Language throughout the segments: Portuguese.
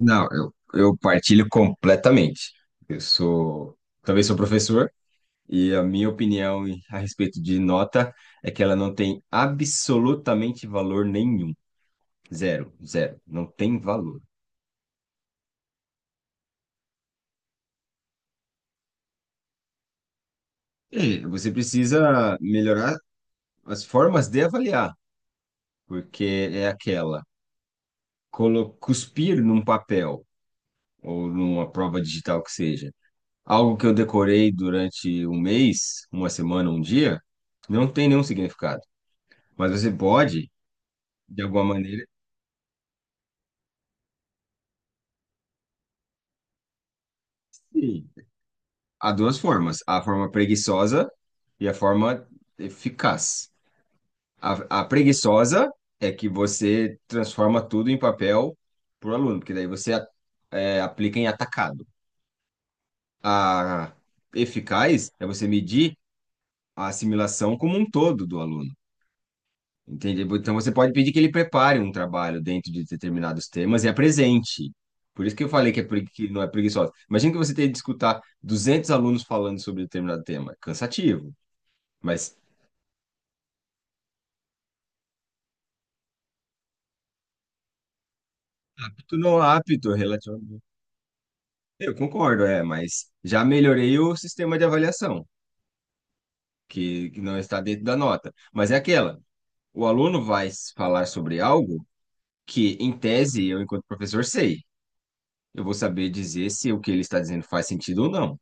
Não, eu partilho completamente. Eu sou, também sou professor, e a minha opinião a respeito de nota é que ela não tem absolutamente valor nenhum. Zero, zero. Não tem valor. E você precisa melhorar as formas de avaliar, porque é aquela, cuspir num papel ou numa prova digital que seja. Algo que eu decorei durante um mês, uma semana, um dia, não tem nenhum significado. Mas você pode, de alguma maneira, sim. Há duas formas, a forma preguiçosa e a forma eficaz. A preguiçosa é que você transforma tudo em papel para o aluno, porque daí você aplica em atacado. A eficaz é você medir a assimilação como um todo do aluno. Entendi. Então você pode pedir que ele prepare um trabalho dentro de determinados temas e apresente. Por isso que eu falei que, é que não é preguiçosa. Imagina que você tem que escutar 200 alunos falando sobre determinado tema. Cansativo. Mas tu não é apto relativamente. Eu concordo, é, mas já melhorei o sistema de avaliação, que não está dentro da nota. Mas é aquela, o aluno vai falar sobre algo que, em tese, eu, enquanto professor, sei. Eu vou saber dizer se o que ele está dizendo faz sentido ou não.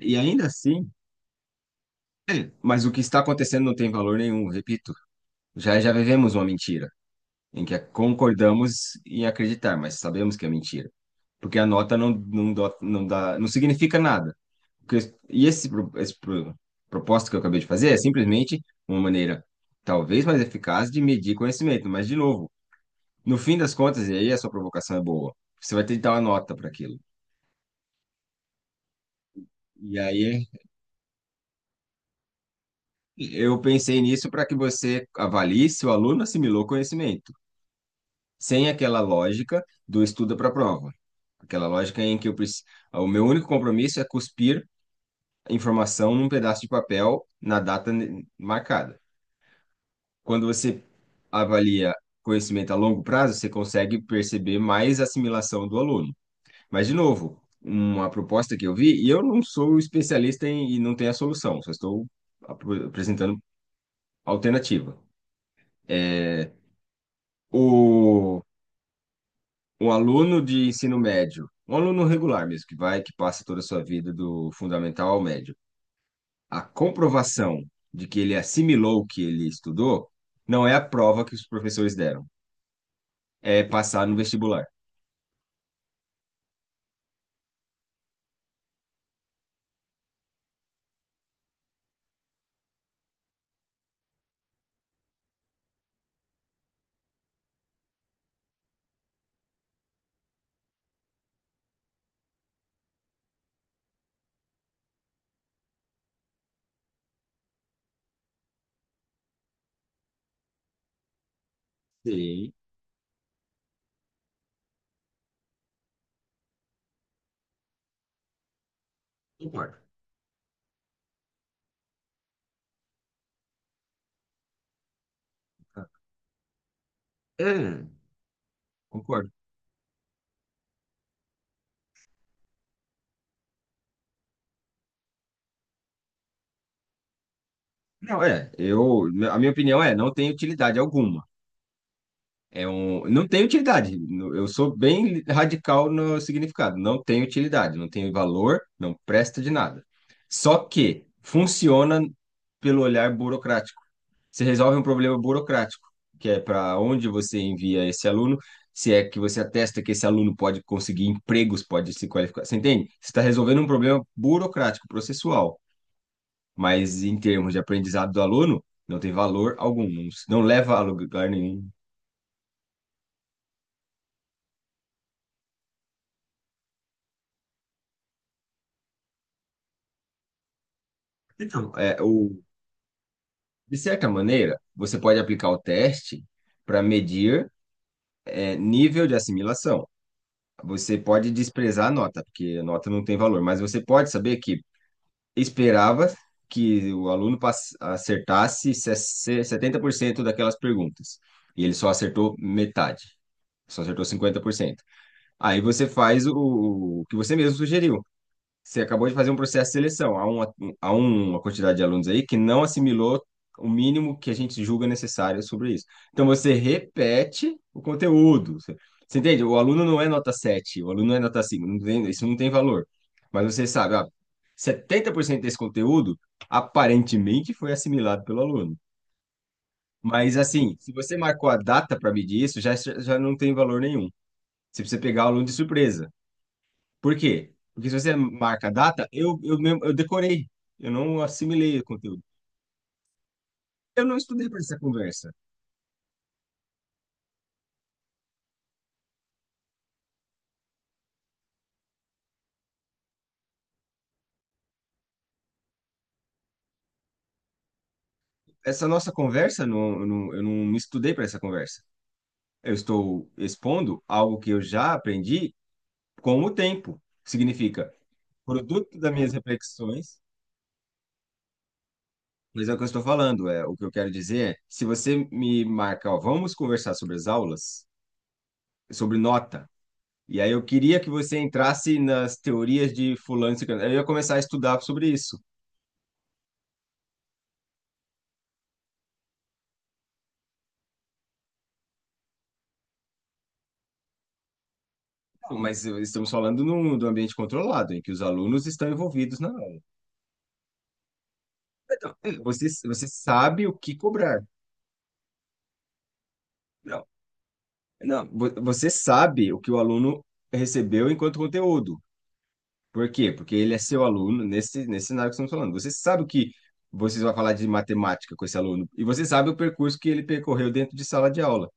E ainda assim, mas o que está acontecendo não tem valor nenhum, repito. Já já vivemos uma mentira, em que concordamos em acreditar, mas sabemos que é mentira. Porque a nota não, não, não dá, não significa nada. Porque- e esse, pro- esse pro- Proposta que eu acabei de fazer é simplesmente uma maneira, talvez mais eficaz, de medir conhecimento. Mas, de novo, no fim das contas, e aí a sua provocação é boa, você vai ter que dar uma nota para aquilo. E aí eu pensei nisso para que você avalie se o aluno assimilou conhecimento, sem aquela lógica do estuda para a prova, aquela lógica em que eu o meu único compromisso é cuspir a informação num pedaço de papel na data marcada. Quando você avalia conhecimento a longo prazo, você consegue perceber mais assimilação do aluno. Mas, de novo, uma proposta que eu vi, e eu não sou especialista em, e não tenho a solução, só estou apresentando alternativa. É, o Um aluno de ensino médio, um aluno regular mesmo, que vai, que passa toda a sua vida do fundamental ao médio, a comprovação de que ele assimilou o que ele estudou não é a prova que os professores deram, é passar no vestibular. Sim, concordo. É, Concordo. Não, a minha opinião é, não tem utilidade alguma. Não tem utilidade. Eu sou bem radical no significado. Não tem utilidade, não tem valor, não presta de nada. Só que funciona pelo olhar burocrático. Você resolve um problema burocrático, que é para onde você envia esse aluno, se é que você atesta que esse aluno pode conseguir empregos, pode se qualificar. Você entende? Você está resolvendo um problema burocrático, processual. Mas em termos de aprendizado do aluno, não tem valor algum, não, não leva a lugar nenhum. É, o De certa maneira, você pode aplicar o teste para medir nível de assimilação. Você pode desprezar a nota, porque a nota não tem valor, mas você pode saber que esperava que o aluno acertasse 70% daquelas perguntas, e ele só acertou metade, só acertou 50%. Aí você faz o que você mesmo sugeriu. Você acabou de fazer um processo de seleção. Há uma, há um, Uma quantidade de alunos aí que não assimilou o mínimo que a gente julga necessário sobre isso. Então, você repete o conteúdo. Você entende? O aluno não é nota 7. O aluno não é nota 5. Não tem, isso não tem valor. Mas você sabe, ó, 70% desse conteúdo aparentemente foi assimilado pelo aluno. Mas, assim, se você marcou a data para medir isso, já, já não tem valor nenhum. Você precisa pegar o aluno de surpresa. Por quê? Porque se você marca a data, eu mesmo, eu decorei, eu não assimilei o conteúdo. Eu não estudei para essa conversa. Essa nossa conversa, não, eu não me estudei para essa conversa. Eu estou expondo algo que eu já aprendi com o tempo. Significa, produto das minhas reflexões, mas é o que eu estou falando, é o que eu quero dizer é, se você me marca, ó, vamos conversar sobre as aulas, sobre nota, e aí eu queria que você entrasse nas teorias de fulano e ciclano, aí eu ia começar a estudar sobre isso. Mas estamos falando do ambiente controlado, em que os alunos estão envolvidos na aula. Então, você sabe o que cobrar. Não, não, você sabe o que o aluno recebeu enquanto conteúdo. Por quê? Porque ele é seu aluno nesse cenário que estamos falando. Você sabe o que vocês vão falar de matemática com esse aluno, e você sabe o percurso que ele percorreu dentro de sala de aula.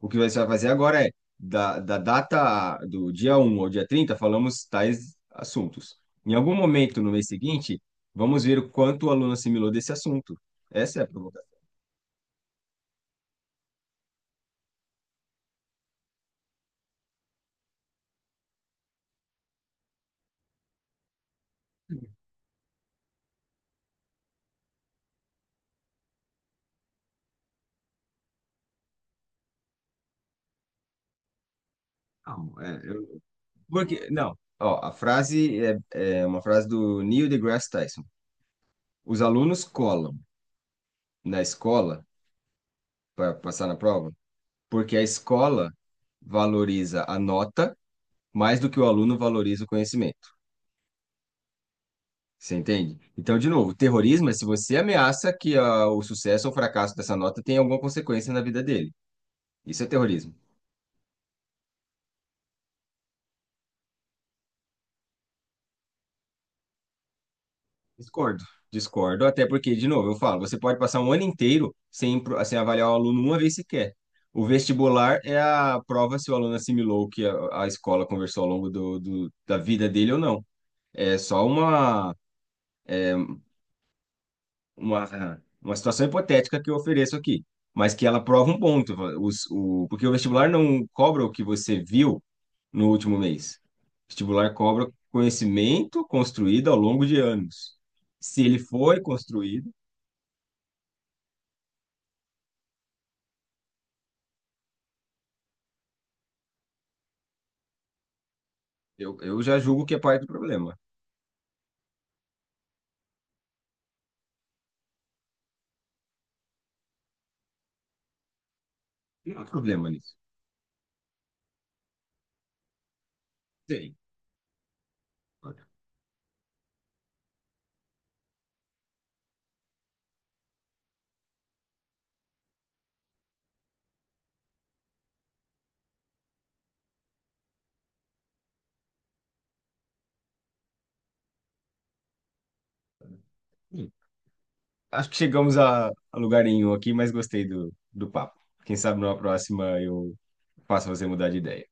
O que você vai fazer agora é, da data do dia 1 ao dia 30 falamos tais assuntos. Em algum momento no mês seguinte, vamos ver o quanto o aluno assimilou desse assunto. Essa é a provocação. Não, porque, não, ó, a frase é uma frase do Neil deGrasse Tyson. Os alunos colam na escola para passar na prova porque a escola valoriza a nota mais do que o aluno valoriza o conhecimento. Você entende? Então, de novo, terrorismo é se você ameaça que ah, o sucesso ou fracasso dessa nota tenha alguma consequência na vida dele. Isso é terrorismo. Discordo. Discordo, até porque, de novo, eu falo, você pode passar um ano inteiro sem, sem avaliar o aluno uma vez sequer. O vestibular é a prova se o aluno assimilou o que a escola conversou ao longo da vida dele ou não. É só uma. Uma situação hipotética que eu ofereço aqui, mas que ela prova um ponto, porque o vestibular não cobra o que você viu no último mês. O vestibular cobra conhecimento construído ao longo de anos. Se ele foi construído, eu já julgo que é parte do problema. Não há problema nisso. Sim. Hum. Acho que chegamos a lugar nenhum aqui, mas gostei do papo. Quem sabe numa próxima eu faço você mudar de ideia.